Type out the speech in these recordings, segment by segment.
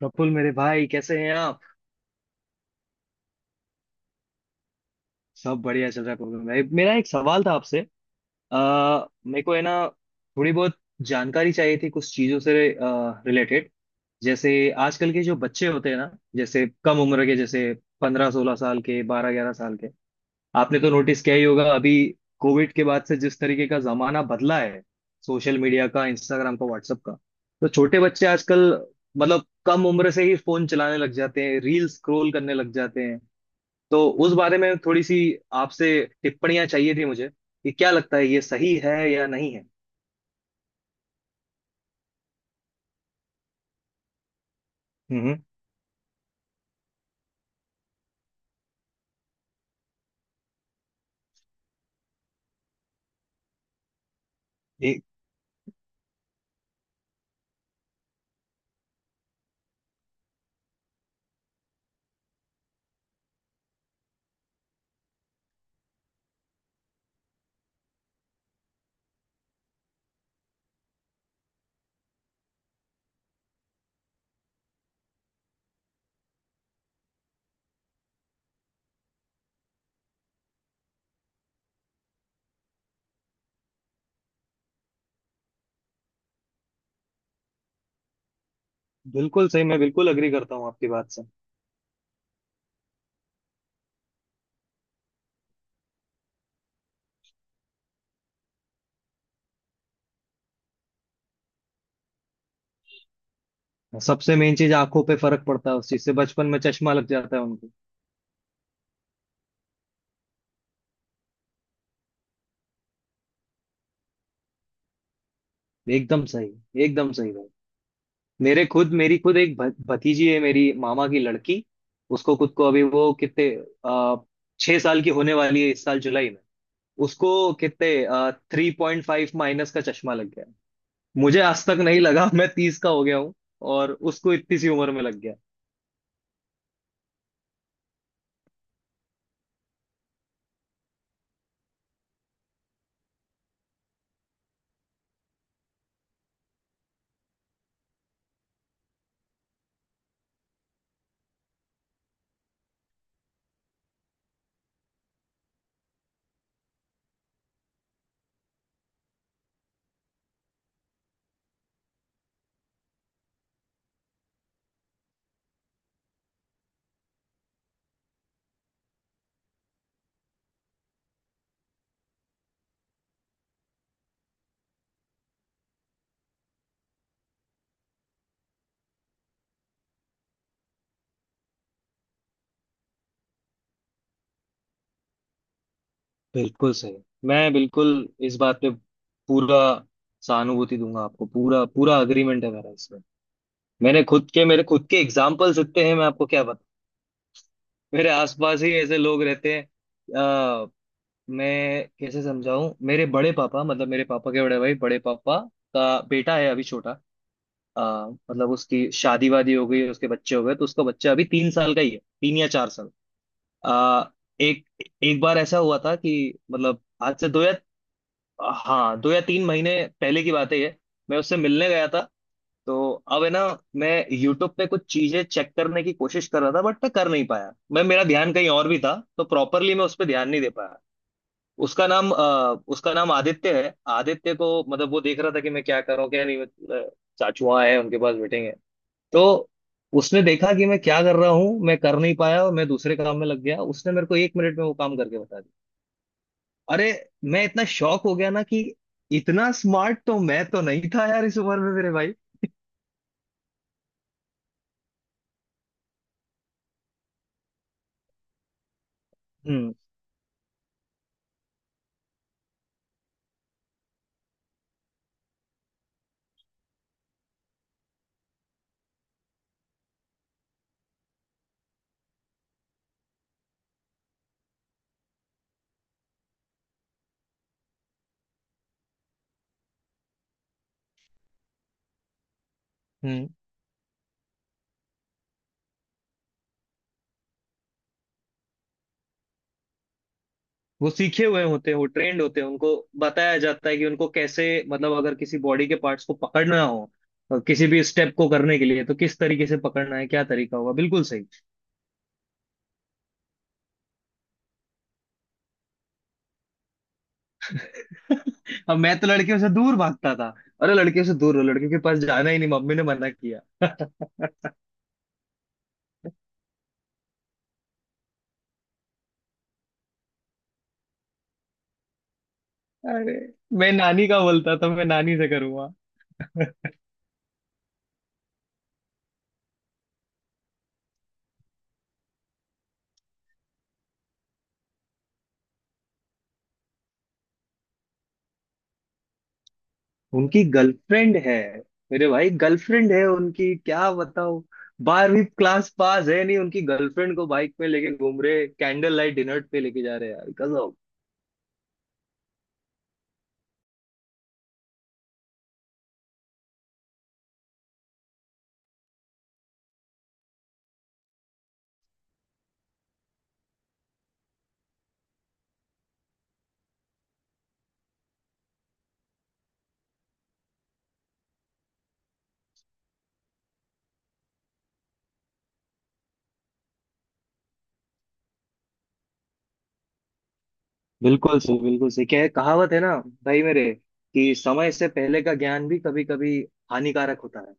प्रफुल मेरे भाई, कैसे हैं आप? सब बढ़िया चल रहा है। प्रफुल भाई, मेरा एक सवाल था आपसे। अ, मेरे को है ना, थोड़ी बहुत जानकारी चाहिए थी कुछ चीजों से रिलेटेड। जैसे, आजकल के जो बच्चे होते हैं ना, जैसे कम उम्र के, जैसे 15-16 साल के, 12-11 साल के, आपने तो नोटिस किया ही होगा। अभी कोविड के बाद से जिस तरीके का जमाना बदला है, सोशल मीडिया का, इंस्टाग्राम का, व्हाट्सएप का, तो छोटे बच्चे आजकल मतलब कम उम्र से ही फोन चलाने लग जाते हैं, रील स्क्रॉल करने लग जाते हैं। तो उस बारे में थोड़ी सी आपसे टिप्पणियां चाहिए थी मुझे, कि क्या लगता है, ये सही है या नहीं है। हम्म। ये बिल्कुल सही। मैं बिल्कुल अग्री करता हूँ आपकी बात से। सबसे मेन चीज, आंखों पे फर्क पड़ता है उस चीज से, बचपन में चश्मा लग जाता है उनको। एकदम सही भाई। मेरे खुद मेरी खुद एक भतीजी है, मेरी मामा की लड़की। उसको खुद को, अभी वो कितने, आ, 6 साल की होने वाली है इस साल जुलाई में। उसको कितने, 3.5 माइनस का चश्मा लग गया। मुझे आज तक नहीं लगा मैं 30 का हो गया हूँ, और उसको इतनी सी उम्र में लग गया। बिल्कुल सही। मैं बिल्कुल इस बात पे पूरा सहानुभूति दूंगा आपको। पूरा पूरा अग्रीमेंट है मेरा इसमें। मैंने खुद के मेरे खुद के एग्जाम्पल्स इतने हैं, मैं आपको क्या बताऊं। मेरे आसपास ही ऐसे लोग रहते हैं। मैं कैसे समझाऊं, मेरे बड़े पापा, मतलब मेरे पापा के बड़े भाई, बड़े पापा का बेटा है अभी छोटा। अ, मतलब उसकी शादी वादी हो गई, उसके बच्चे हो गए, तो उसका बच्चा अभी 3 साल का ही है, 3 या 4 साल। आ, एक एक बार ऐसा हुआ था कि, मतलब आज से दो या हाँ, 2 या 3 महीने पहले की बात है ये, मैं उससे मिलने गया था। तो अब है ना, मैं यूट्यूब पे कुछ चीजें चेक करने की कोशिश कर रहा था, बट मैं कर नहीं पाया। मैं मेरा ध्यान कहीं और भी था, तो प्रॉपरली मैं उस पर ध्यान नहीं दे पाया। उसका नाम आदित्य है। आदित्य को, मतलब वो देख रहा था कि मैं क्या करूँ क्या नहीं, मतलब चाचुआ है, उनके पास मीटिंग है। तो उसने देखा कि मैं क्या कर रहा हूँ, मैं कर नहीं पाया और मैं दूसरे काम में लग गया। उसने मेरे को 1 मिनट में वो काम करके बता दिया। अरे, मैं इतना शॉक हो गया ना कि, इतना स्मार्ट तो मैं तो नहीं था यार, इस उम्र में, मेरे भाई। हम्म हम्म। वो सीखे हुए होते हैं, वो ट्रेंड होते हैं। उनको बताया जाता है कि उनको कैसे, मतलब अगर किसी बॉडी के पार्ट्स को पकड़ना हो, किसी भी स्टेप को करने के लिए, तो किस तरीके से पकड़ना है, क्या तरीका होगा। बिल्कुल सही। अब मैं तो लड़कियों से दूर भागता था। अरे, लड़कियों से दूर हो, लड़कियों के पास जाना ही नहीं, मम्मी ने मना किया अरे, मैं नानी का बोलता था, मैं नानी से करूंगा। उनकी गर्लफ्रेंड है, मेरे भाई। गर्लफ्रेंड है उनकी, क्या बताओ। 12वीं क्लास पास है नहीं, उनकी गर्लफ्रेंड को बाइक पे लेके घूम रहे, कैंडल लाइट डिनर पे लेके जा रहे हैं, यार गजब। बिल्कुल सही बिल्कुल सही। क्या है, कहावत है ना भाई मेरे, कि समय से पहले का ज्ञान भी कभी कभी हानिकारक होता है।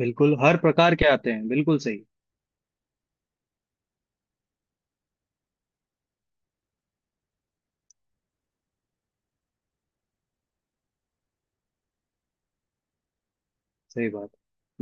बिल्कुल, हर प्रकार के आते हैं, बिल्कुल सही। सही बात,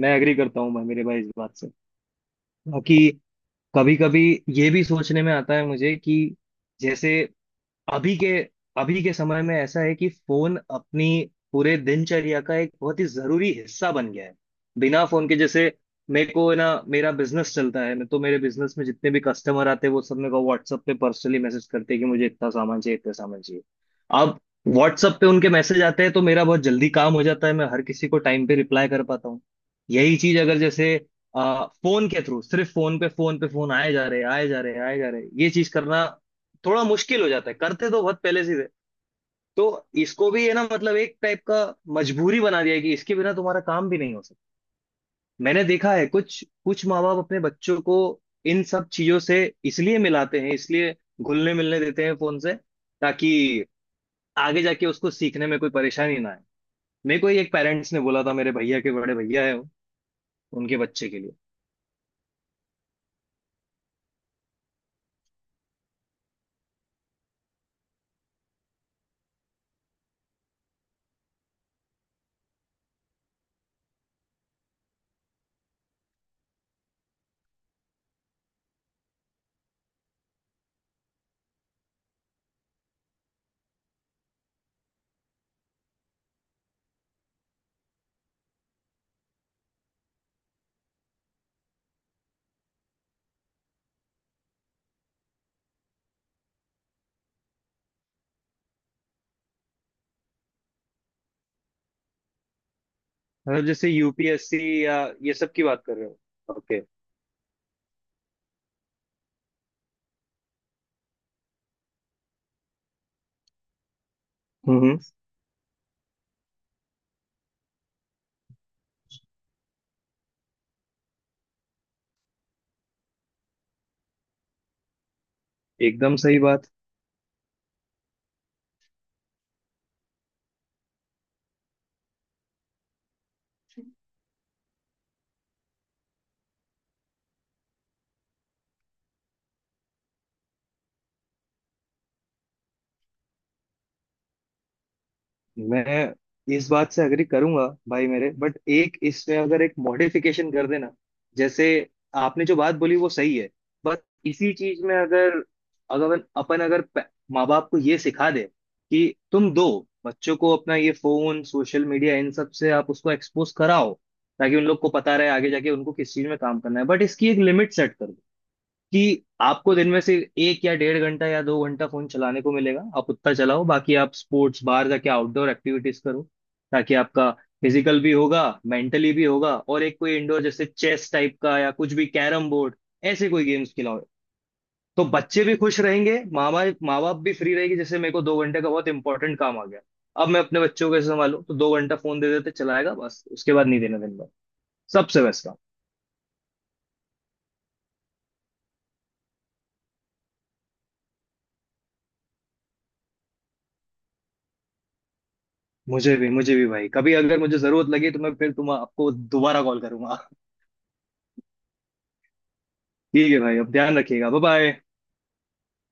मैं एग्री करता हूँ भाई, मेरे भाई, इस बात से। बाकी कभी कभी ये भी सोचने में आता है मुझे कि, जैसे, अभी के अभी के समय में ऐसा है कि, फोन अपनी पूरे दिनचर्या का एक बहुत ही जरूरी हिस्सा बन गया है। बिना फोन के, जैसे मेरे को ना, मेरा बिजनेस चलता है। मैं तो, मेरे बिजनेस में जितने भी कस्टमर आते हैं, वो सब मेरे को WhatsApp पे पर्सनली मैसेज करते हैं कि मुझे इतना सामान चाहिए, इतना सामान चाहिए। अब WhatsApp पे उनके मैसेज आते हैं तो मेरा बहुत जल्दी काम हो जाता है, मैं हर किसी को टाइम पे रिप्लाई कर पाता हूँ। यही चीज अगर जैसे फोन के थ्रू सिर्फ फोन पे फोन पे फोन आए जा रहे, आए जा रहे, आए जा रहे, ये चीज करना थोड़ा मुश्किल हो जाता है। करते तो बहुत पहले से थे। तो इसको भी है ना, मतलब एक टाइप का मजबूरी बना दिया है कि इसके बिना तुम्हारा काम भी नहीं हो सकता। मैंने देखा है कुछ कुछ माँ बाप अपने बच्चों को इन सब चीजों से इसलिए मिलाते हैं, इसलिए घुलने मिलने देते हैं फोन से, ताकि आगे जाके उसको सीखने में कोई परेशानी ना आए। मेरे को ही एक पेरेंट्स ने बोला था, मेरे भैया के बड़े भैया है, उनके बच्चे के लिए। मतलब जैसे यूपीएससी या ये सब की बात कर रहे हो? ओके। हम्म। एकदम सही बात। मैं इस बात से अग्री करूंगा भाई मेरे, बट एक इसमें अगर एक मॉडिफिकेशन कर देना। जैसे, आपने जो बात बोली वो सही है, बट इसी चीज में अगर, अगर अपन अगर माँ बाप को ये सिखा दे कि तुम दो बच्चों को अपना ये फोन, सोशल मीडिया, इन सब से आप उसको एक्सपोज कराओ, ताकि उन लोग को पता रहे आगे जाके उनको किस चीज में काम करना है, बट इसकी एक लिमिट सेट कर दो कि आपको दिन में से एक या डेढ़ घंटा या 2 घंटा फोन चलाने को मिलेगा, आप उतना चलाओ। बाकी आप स्पोर्ट्स, बाहर जाके आउटडोर एक्टिविटीज करो, ताकि आपका फिजिकल भी होगा, मेंटली भी होगा, और एक कोई इंडोर, जैसे चेस टाइप का या कुछ भी, कैरम बोर्ड, ऐसे कोई गेम्स खिलाओ। तो बच्चे भी खुश रहेंगे, माँ बाप भी फ्री रहेगी। जैसे मेरे को 2 घंटे का बहुत इंपॉर्टेंट काम आ गया, अब मैं अपने बच्चों को कैसे संभालूं, तो 2 घंटा फोन दे देते, चलाएगा बस, उसके बाद नहीं देना दिन भर। सबसे बेस्ट। मुझे भी भाई, कभी अगर मुझे जरूरत लगी, तो मैं फिर तुम आपको दोबारा कॉल करूंगा। ठीक है भाई, अब ध्यान रखिएगा, बाय बाय।